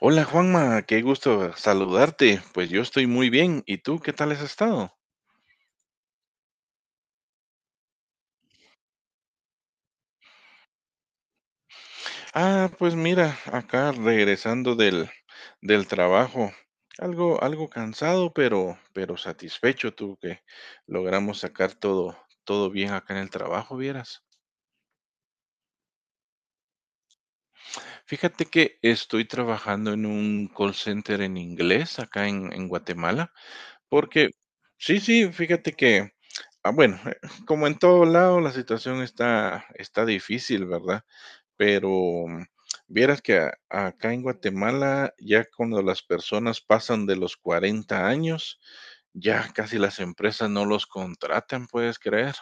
Hola Juanma, qué gusto saludarte. Pues yo estoy muy bien. ¿Y tú qué tal has estado? Ah, pues mira, acá regresando del trabajo. Algo cansado, pero satisfecho tú que logramos sacar todo bien acá en el trabajo, vieras. Fíjate que estoy trabajando en un call center en inglés acá en Guatemala. Porque sí, sí, fíjate que, ah, bueno, como en todo lado, la situación está difícil, ¿verdad? Pero, mm, vieras que a acá en Guatemala, ya cuando las personas pasan de los 40 años, ya casi las empresas no los contratan, ¿puedes creer?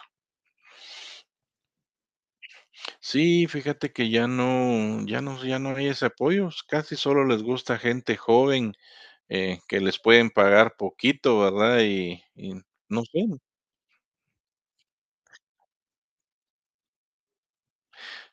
Sí, fíjate que ya no hay ese apoyo, casi solo les gusta gente joven, que les pueden pagar poquito, ¿verdad? Y no sé.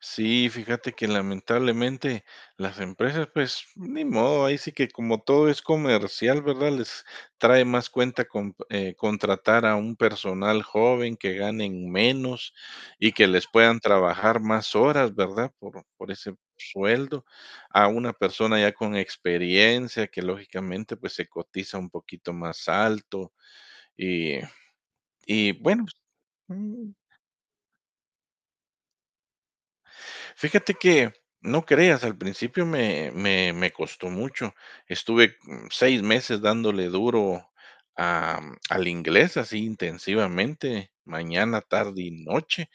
Sí, fíjate que lamentablemente las empresas, pues, ni modo, ahí sí que como todo es comercial, ¿verdad? Les trae más cuenta con contratar a un personal joven que ganen menos y que les puedan trabajar más horas, ¿verdad? Por ese sueldo, a una persona ya con experiencia que lógicamente pues se cotiza un poquito más alto y, y bueno, mm, fíjate que, no creas, al principio me costó mucho. Estuve 6 meses dándole duro a al inglés, así intensivamente, mañana, tarde y noche,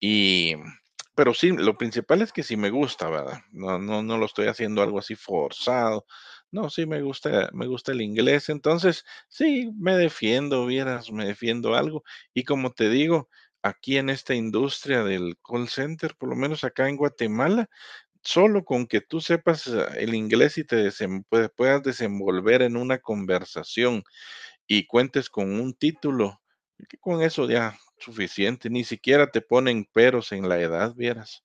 y, pero sí, lo principal es que sí me gusta, ¿verdad? No, no, no lo estoy haciendo algo así forzado. No, sí me gusta el inglés, entonces sí, me defiendo, vieras, me defiendo algo. Y como te digo, aquí en esta industria del call center, por lo menos acá en Guatemala, solo con que tú sepas el inglés y te puedas desenvolver en una conversación y cuentes con un título, que con eso ya suficiente, ni siquiera te ponen peros en la edad, vieras.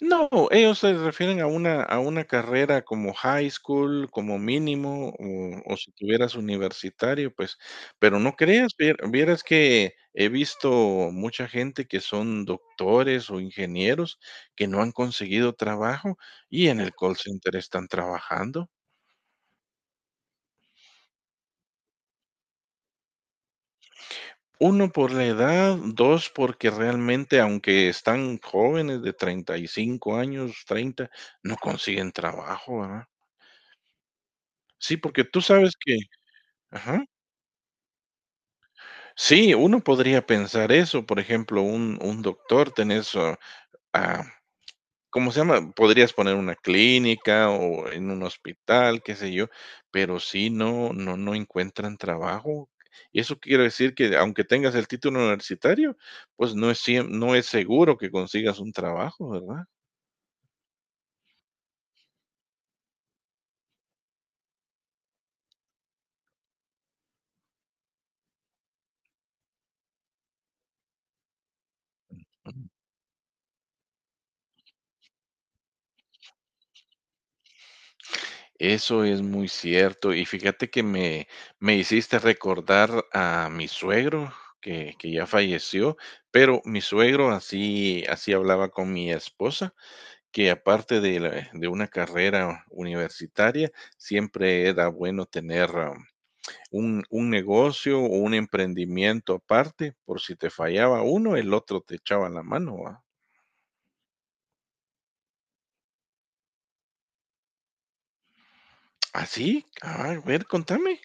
No, ellos se refieren a una carrera como high school, como mínimo, o si tuvieras universitario, pues, pero no creas, vieras que he visto mucha gente que son doctores o ingenieros que no han conseguido trabajo y en el call center están trabajando. Uno por la edad, 2 porque realmente, aunque están jóvenes de 35 años, 30, no consiguen trabajo, ¿verdad? Sí, porque tú sabes que ajá. Sí, uno podría pensar eso, por ejemplo, un doctor, tenés, ah, ¿cómo se llama? Podrías poner una clínica o en un hospital, qué sé yo, pero sí no encuentran trabajo. Y eso quiere decir que, aunque tengas el título universitario, pues no es seguro que consigas un trabajo, ¿verdad? Eso es muy cierto. Y fíjate que me hiciste recordar a mi suegro, que ya falleció, pero mi suegro así hablaba con mi esposa, que aparte de la de una carrera universitaria, siempre era bueno tener, ah, un negocio o un emprendimiento aparte, por si te fallaba uno, el otro te echaba la mano, ¿va? ¿Ah, sí? Ah, a ver, contame.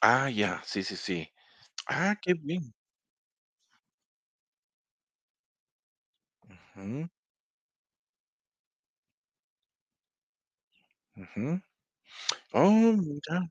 Ah, ya, sí, sí, sí. Ah, qué bien. Ujú, ujú. Oh, mira.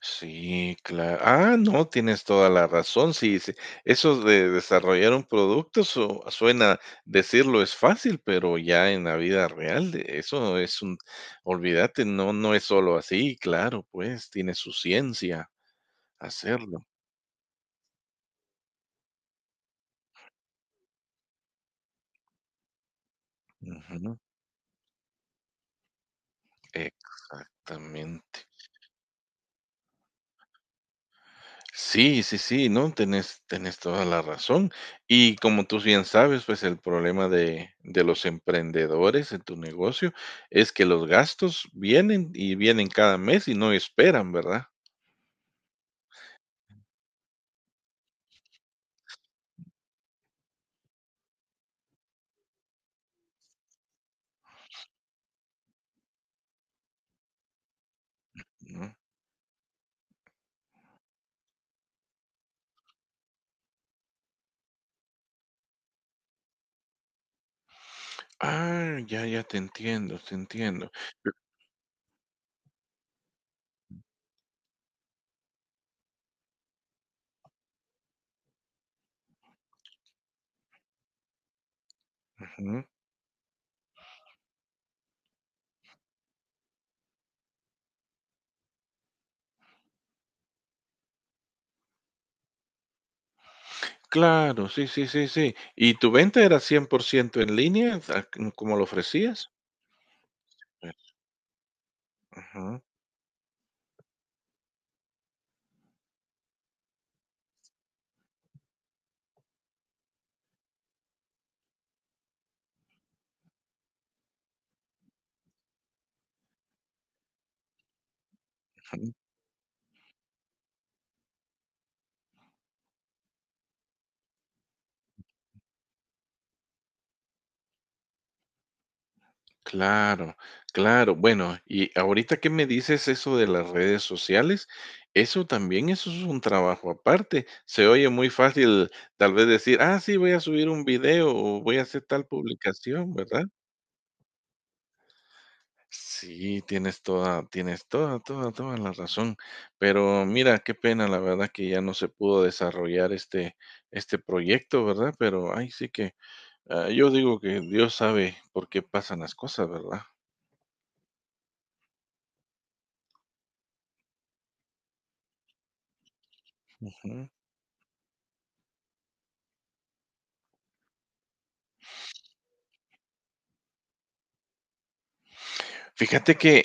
Sí, claro. Ah, no, tienes toda la razón. Sí, sí. Eso de desarrollar un producto suena, decirlo es fácil, pero ya en la vida real, eso es olvídate, no, no es solo así, claro, pues tiene su ciencia hacerlo. Ujú. Exactamente. Sí, sí, sí, no, tenés, tenés toda la razón. Y como tú bien sabes, pues el problema de los emprendedores en tu negocio es que los gastos vienen y vienen cada mes y no esperan, ¿verdad? Ujú. Ah, ya, ya te entiendo, te entiendo. Ujú. Claro, sí, sí, sí, sí. ¿Y tu venta era 100% en línea, como lo ofrecías? Ujú. Claro, claro. Bueno, y ahorita que me dices eso de las redes sociales, eso también, eso es un trabajo aparte. Se oye muy fácil tal vez decir, ah, sí, voy a subir un video o voy a hacer tal publicación, ¿verdad? Sí, tienes toda, toda, toda la razón. Pero mira, qué pena, la verdad que ya no se pudo desarrollar este proyecto, ¿verdad? Pero ay, sí que, ah, yo digo que Dios sabe por qué pasan las cosas, ¿verdad? Ujú. Fíjate que,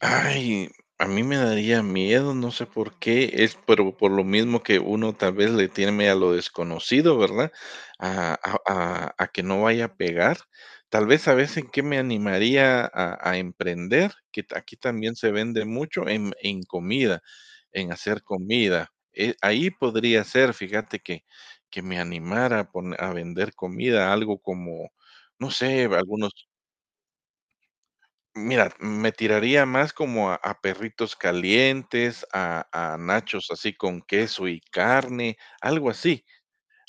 ay, a mí me daría miedo, no sé por qué, es pero por lo mismo que uno tal vez le tiene a lo desconocido, ¿verdad? A que no vaya a pegar. Tal vez a veces que me animaría a emprender, que aquí también se vende mucho en comida, en hacer comida. Ahí podría ser, fíjate que me animara a, a vender comida, algo como, no sé, algunos. Mira, me tiraría más como a perritos calientes, a nachos así con queso y carne,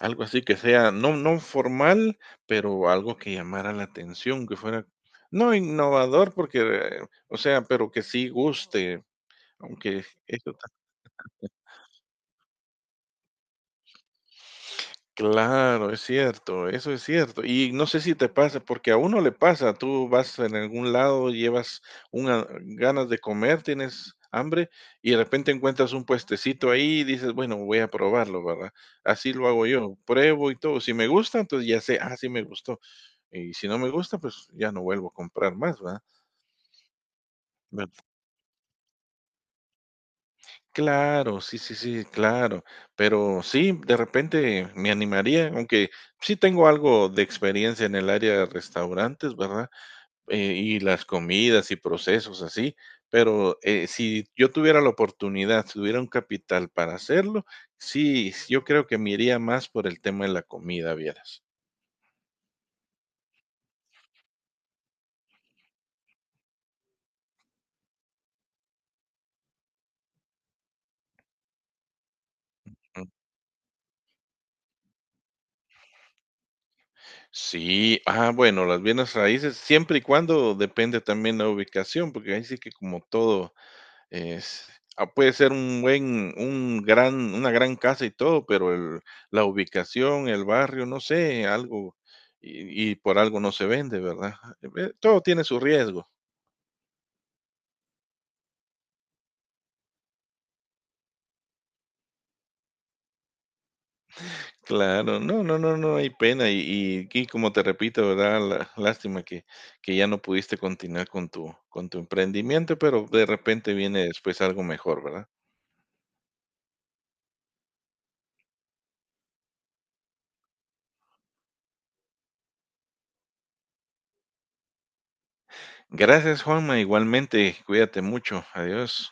algo así que sea no formal, pero algo que llamara la atención, que fuera no innovador porque, o sea, pero que sí guste, aunque es. Claro, es cierto, eso es cierto. Y no sé si te pasa, porque a uno le pasa, tú vas en algún lado, llevas ganas de comer, tienes hambre y de repente encuentras un puestecito ahí y dices, bueno, voy a probarlo, ¿verdad? Así lo hago yo, pruebo y todo. Si me gusta, entonces ya sé, ah, sí me gustó. Y si no me gusta, pues ya no vuelvo a comprar más, ¿verdad? Claro, sí, sí, sí, claro. Pero sí, de repente me animaría, aunque sí tengo algo de experiencia en el área de restaurantes, ¿verdad? Y las comidas y procesos así. Pero si yo tuviera la oportunidad, si tuviera un capital para hacerlo, sí, yo creo que me iría más por el tema de la comida, vieras. Ujú. Sí, ah, bueno, las bienes raíces, siempre y cuando depende también la ubicación, porque ahí sí que como todo es. Ah, puede ser un buen un gran una gran casa y todo, pero el la ubicación, el barrio, no sé, algo, y por algo no se vende, ¿verdad? Todo tiene su riesgo. Claro, no, no, no, no hay pena, y como te repito, ¿verdad? La lástima que ya no pudiste continuar con tu emprendimiento, pero de repente viene después algo mejor, ¿verdad? Gracias, Juanma, igualmente, cuídate mucho, adiós.